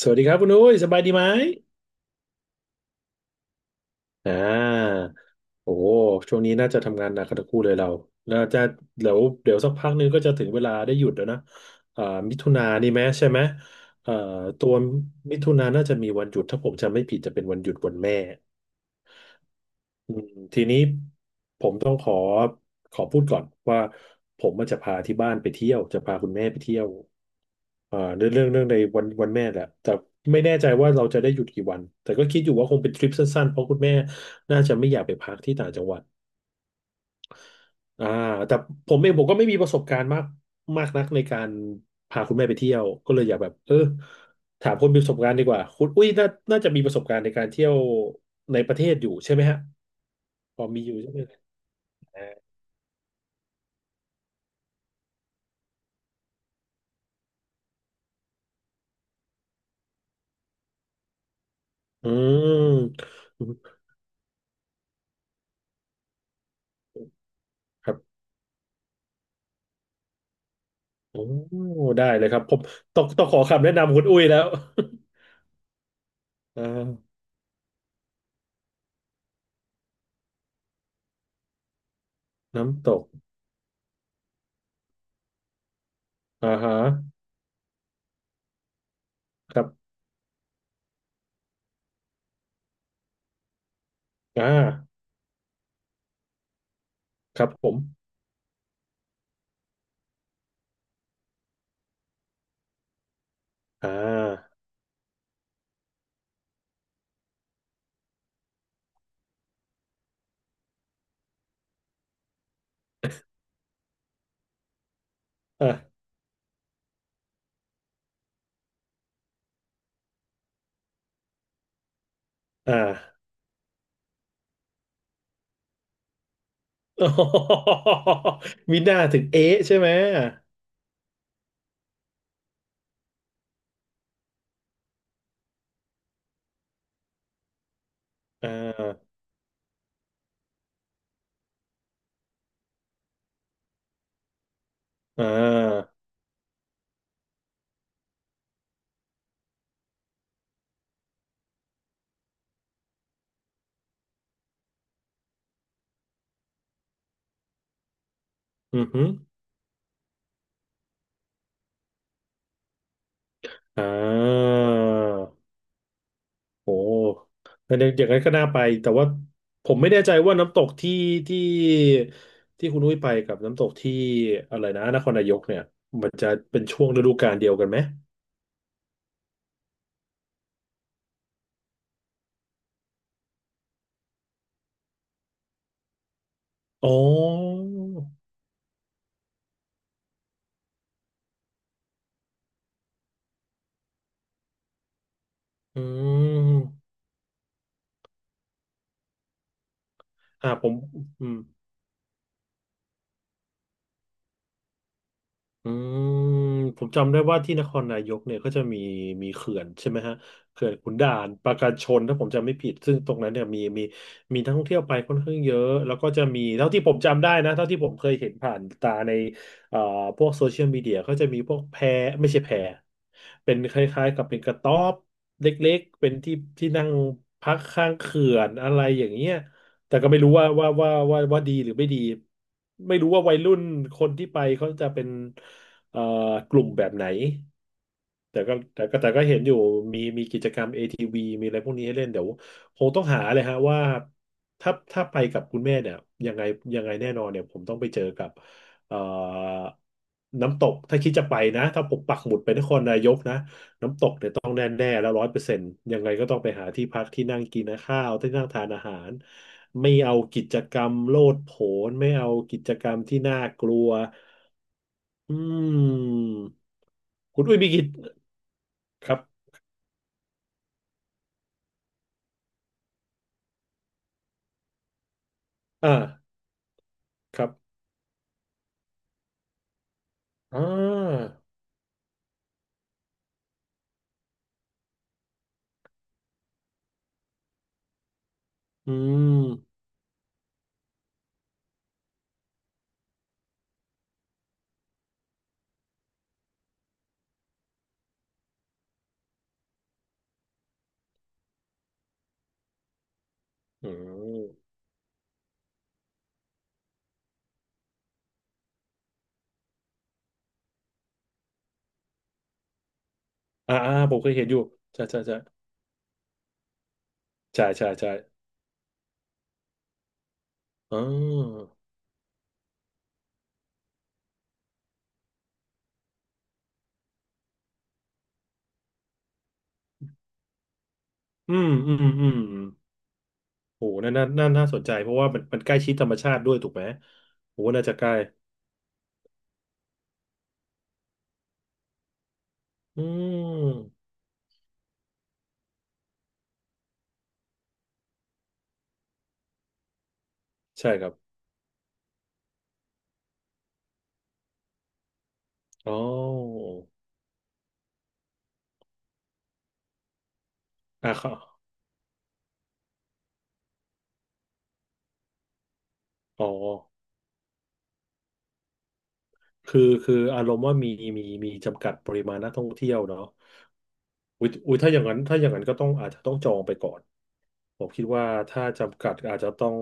สวัสดีครับคุณอุ้ยสบายดีไหมอ่าโอ้โหช่วงนี้น่าจะทำงานหนักกันทั้งคู่เลยเราจะเดี๋ยวสักพักนึงก็จะถึงเวลาได้หยุดแล้วนะอ่ามิถุนานี่ไหมใช่ไหมเอ่อตัวมิถุนาน่าจะมีวันหยุดถ้าผมจำไม่ผิดจะเป็นวันหยุดวันแม่ อืมทีนี้ผมต้องขอพูดก่อนว่าผมมันจะพาที่บ้านไปเที่ยวจะพาคุณแม่ไปเที่ยวเรื่องในวันแม่แหละแต่ไม่แน่ใจว่าเราจะได้หยุดกี่วันแต่ก็คิดอยู่ว่าคงเป็นทริปสั้นๆเพราะคุณแม่น่าจะไม่อยากไปพักที่ต่างจังหวัดอ่าแต่ผมเองผมก็ไม่มีประสบการณ์มากมากนักในการพาคุณแม่ไปเที่ยวก็เลยอยากแบบถามคนมีประสบการณ์ดีกว่าคุณอุ้ยน่าจะมีประสบการณ์ในการเที่ยวในประเทศอยู่ใช่ไหมฮะพอมีอยู่ใช่ไหม อืมครับโอ้ได้เลยครับผมต้องขอคำแนะนำคุณอุ้ยแล้ว อ่าน้ำตกอ่าฮะครับอ่าครับผมอ่าอ่าอ่า โอโหมีหน้าถึงเอ๊ะใช่ไหมอ่าอ่าอือหือ่า โอ้แต่ในอย่างนั้นก็น่าไป แต่ว่าผมไม่แน่ใจว่าน้ำตกที่ที่คุณนุ้ยไปกับน้ำตกที่อะไรนะนครนายกเนี่ยมันจะเป็นช่วงฤดูกาลเดียวกันไหมอ๋ออืมผมอืม อืมผมจำได้ว่าที่นครนายกเนี่ยก็จะมีเขื่อนใช่ไหมฮะเขื่อนขุนด่านปราการชนถ้าผมจำไม่ผิดซึ่งตรงนั้นเนี่ยมีนักท่องเที่ยวไปค่อนข้างเยอะแล้วก็จะมีเท่าที่ผมจำได้นะเท่าที่ผมเคยเห็นผ่านตาในเอ่อพวกโซเชียลมีเดียก็จะมีพวกแพไม่ใช่แพเป็นคล้ายๆกับเป็นกระต๊อบเล็กๆเป็นที่นั่งพักข้างเขื่อนอะไรอย่างเงี้ย แต่ก็ไม่รู้ว่าดีหรือไม่ดีไม่รู้ว่าวัยรุ่นคนที่ไปเขาจะเป็นเอ่อกลุ่มแบบไหนแต่ก็เห็นอยู่มีกิจกรรม ATV มีอะไรพวกนี้ให้เล่นเดี๋ยวคงต้องหาเลยฮะว่าถ้าไปกับคุณแม่เนี่ยยังไงยังไงแน่นอนเนี่ยผมต้องไปเจอกับเอ่อน้ำตกถ้าคิดจะไปนะถ้าผมปักหมุดไปนครนายกนะ ต้องแน่ๆแล้วร้อยเปอร์เซ็นต์ยังไงก็ต้องไปหาที่พักที่นั่งกินข้าวที่นั่งทานอาหารไม่เอากิจกรรมโลดโผนไม่เอากิจกรรมที่น่ากลัวอืมคุณอุ้ยมีกิจครับอ่าครับอ่าอืมอืมอ่าอ่าผมเคยเห็นอยู่ใช่ใช่ใช่ใช่ใช่ใช่อ่าอืมอืมอืมอืมโหนั่นน่าสนใจเพราะว่ามันใกล้ชิดธรรมชาติด้วยถูกไหมโหน่าจะใกล้อืม ใช่ครับ อ๋ออ่ะครับอ๋อคือคือ อารมณ์ว่ามีมีจำกัดปริมาณนักท่องเที่ยวเนาะอุ้ยอุ้ยถ้าอย่างนั้นถ้าอย่างนั้นก็ต้องอาจจะต้องจองไปก่อน ผมคิดว่าถ้าจำกัดอาจจะต้อง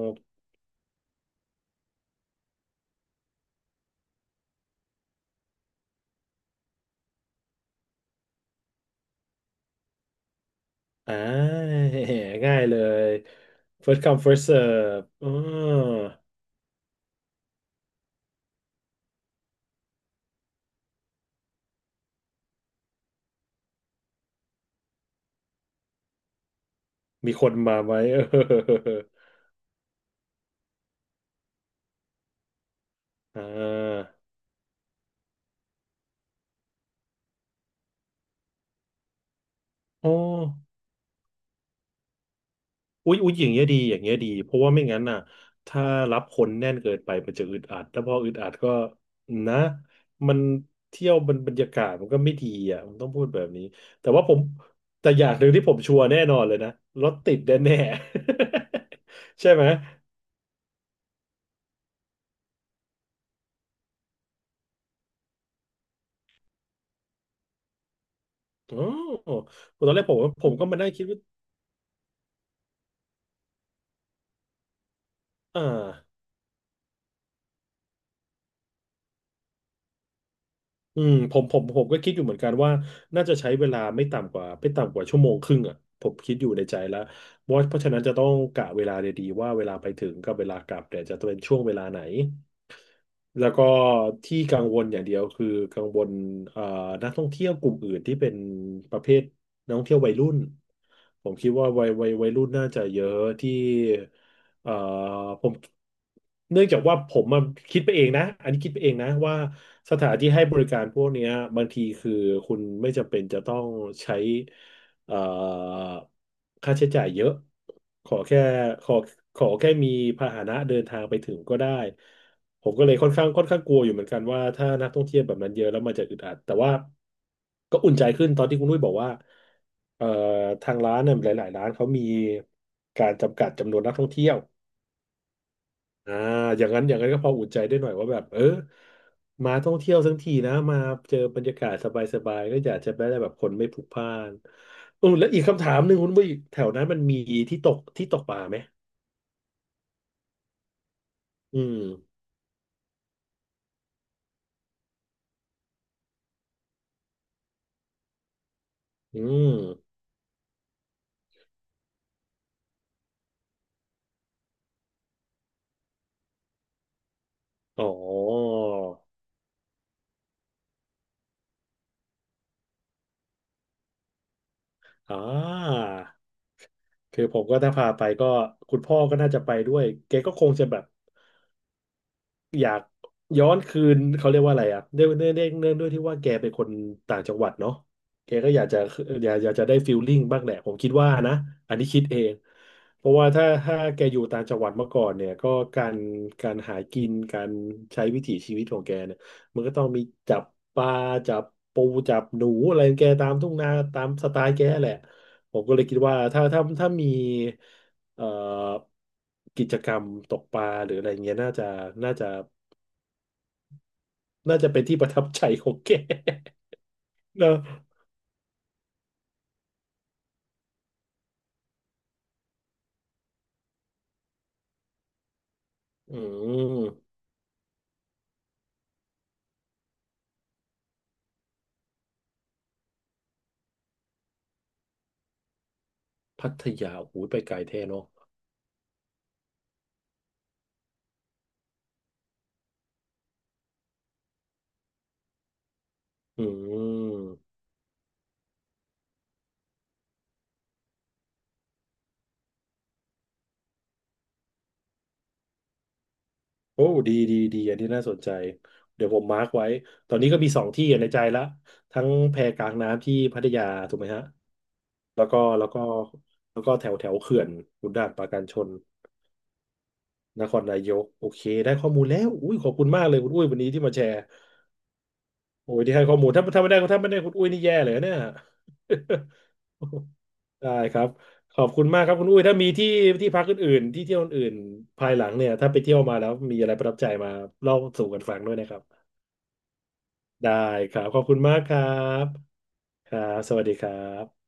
อ่าง่ายเลย first come first serve มีคนมาไหม เอออ่าอ๋อ อุ๊ยอุ๊ยอย่างเงี้ยดีอย่างเงี้ยดีเพราะว่าไม่งั้นน่ะถ้ารับคนแน่นเกินไปมันจะอึดอัดแล้วพออึดอัดก็นะมันเที่ยวมันบรรยากาศมันก็ไม่ดีอ่ะผมต้องพูดแบบนี้แต่ว่าผมแต่อย่างหนึ่งที่ผมชัวร์แน่นอนเลยนะรถติดแน่ๆ ใช่ไหมอ๋อผมตอนแรกผมก็มานั่งคิดว่าอ่า อืมผมผมก็คิดอยู่เหมือนกันว่าน่าจะใช้เวลาไม่ต่ำกว่าชั่วโมงครึ่งอ่ะผมคิดอยู่ในใจแล้วว่าเพราะฉะนั้นจะต้องกะเวลาดีๆว่าเวลาไปถึงกับเวลากลับเนี่ยจะเป็นช่วงเวลาไหน แล้วก็ที่กังวลอย่างเดียวคือกังวลเอ่อนักท่องเที่ยวกลุ่มอื่นที่เป็นประเภทนักท่องเที่ยววัยรุ่นผมคิดว่าวัยรุ่นน่าจะเยอะที่เอ่อผมเนื่องจากว่าผมมาคิดไปเองนะอันนี้คิดไปเองนะว่าสถานที่ให้บริการพวกเนี้ยบางทีคือคุณไม่จำเป็นจะต้องใช้เอ่อค่าใช้จ่ายเยอะขอแค่ขอขอแค่มีพาหนะเดินทางไปถึงก็ได้ ผมก็เลยค่อนข้างกลัวอยู่เหมือนกันว่าถ้านักท่องเที่ยวแบบนั้นเยอะแล้วมันจะอึดอัดแต่ว่าก็อุ่นใจขึ้นตอนที่คุณนุ้ยบอกว่าเอ่อทางร้านเนี่ยหลายๆร้านเขามีการจำกัดจำนวนนักท่องเที่ยวอ่าอย่างนั้นอย่างนั้นก็พออุ่นใจได้หน่อยว่าแบบเออมาท่องเที่ยวทั้งทีนะมาเจอบรรยากาศสบายๆก็อยากจะได้แบบคนไม่พลุกพล่านอือแล้วอีกคำถามหนึ่งคุณนุ้ยแถวนั้นมันมีที่ตกปลาไหมอืมอืมอ๋ออ่า คือผมก็ถ้าพาไปก็คุณพ่อก็น่าจะไปด้วยแกก็คงจะแบบอยากย้อนคืนเขาเรียกว่าอะไรอ่ะเนื่องด้วยที่ว่าแกเป็นคนต่างจังหวัดเนาะแกก็อยากจะอยากจะได้ฟีลลิ่งบ้างแหละผมคิดว่านะอันนี้คิดเองเพราะว่าถ้าแกอยู่ต่างจังหวัดมาก่อนเนี่ยก็การการหากินการใช้วิถีชีวิตของแกเนี่ยมันก็ต้องมีจับปลาจับปูจับหนูอะไรของแกตามทุ่งนาตามสไตล์แกแหละผมก็เลยคิดว่าถ้ามี เอ่อกิจกรรมตกปลาหรืออะไรเงี้ยน่าจะน่าจะเป็นที่ประทับใจของแกเนอะอืมพัทยาโอ้โหูไปไกลแท้เนาะอืมโอ้ดีอันนี้น่าสนใจเดี๋ยวผมมาร์กไว้ตอนนี้ก็มีสองที่ในใจละทั้งแพกลางน้ำที่พัทยาถูกไหมฮะแล้วก็แล้วก็แล้วก็แถวแถวเขื่อนขุนด่านปราการชนนครนายกโอเคได้ข้อมูลแล้วอุ้ยขอบคุณมากเลยคุณอุ้ยวันนี้ที่มาแชร์ โอ้ยที่ให้ข้อมูลถ้าไม่ได้คุณอุ้ยนี่แย่เลยนะเนี่ย ได้ครับขอบคุณมากครับคุณอุ้ยถ้ามีที่พักอื่นๆที่เที่ยวอื่นๆภายหลังเนี่ยถ้าไปเที่ยวมาแล้วมีอะไรประทับใจมาเล่าสู่กันฟังด้วยนะครับได้ครับขอบคุณมากครับครับสวัสดีครับ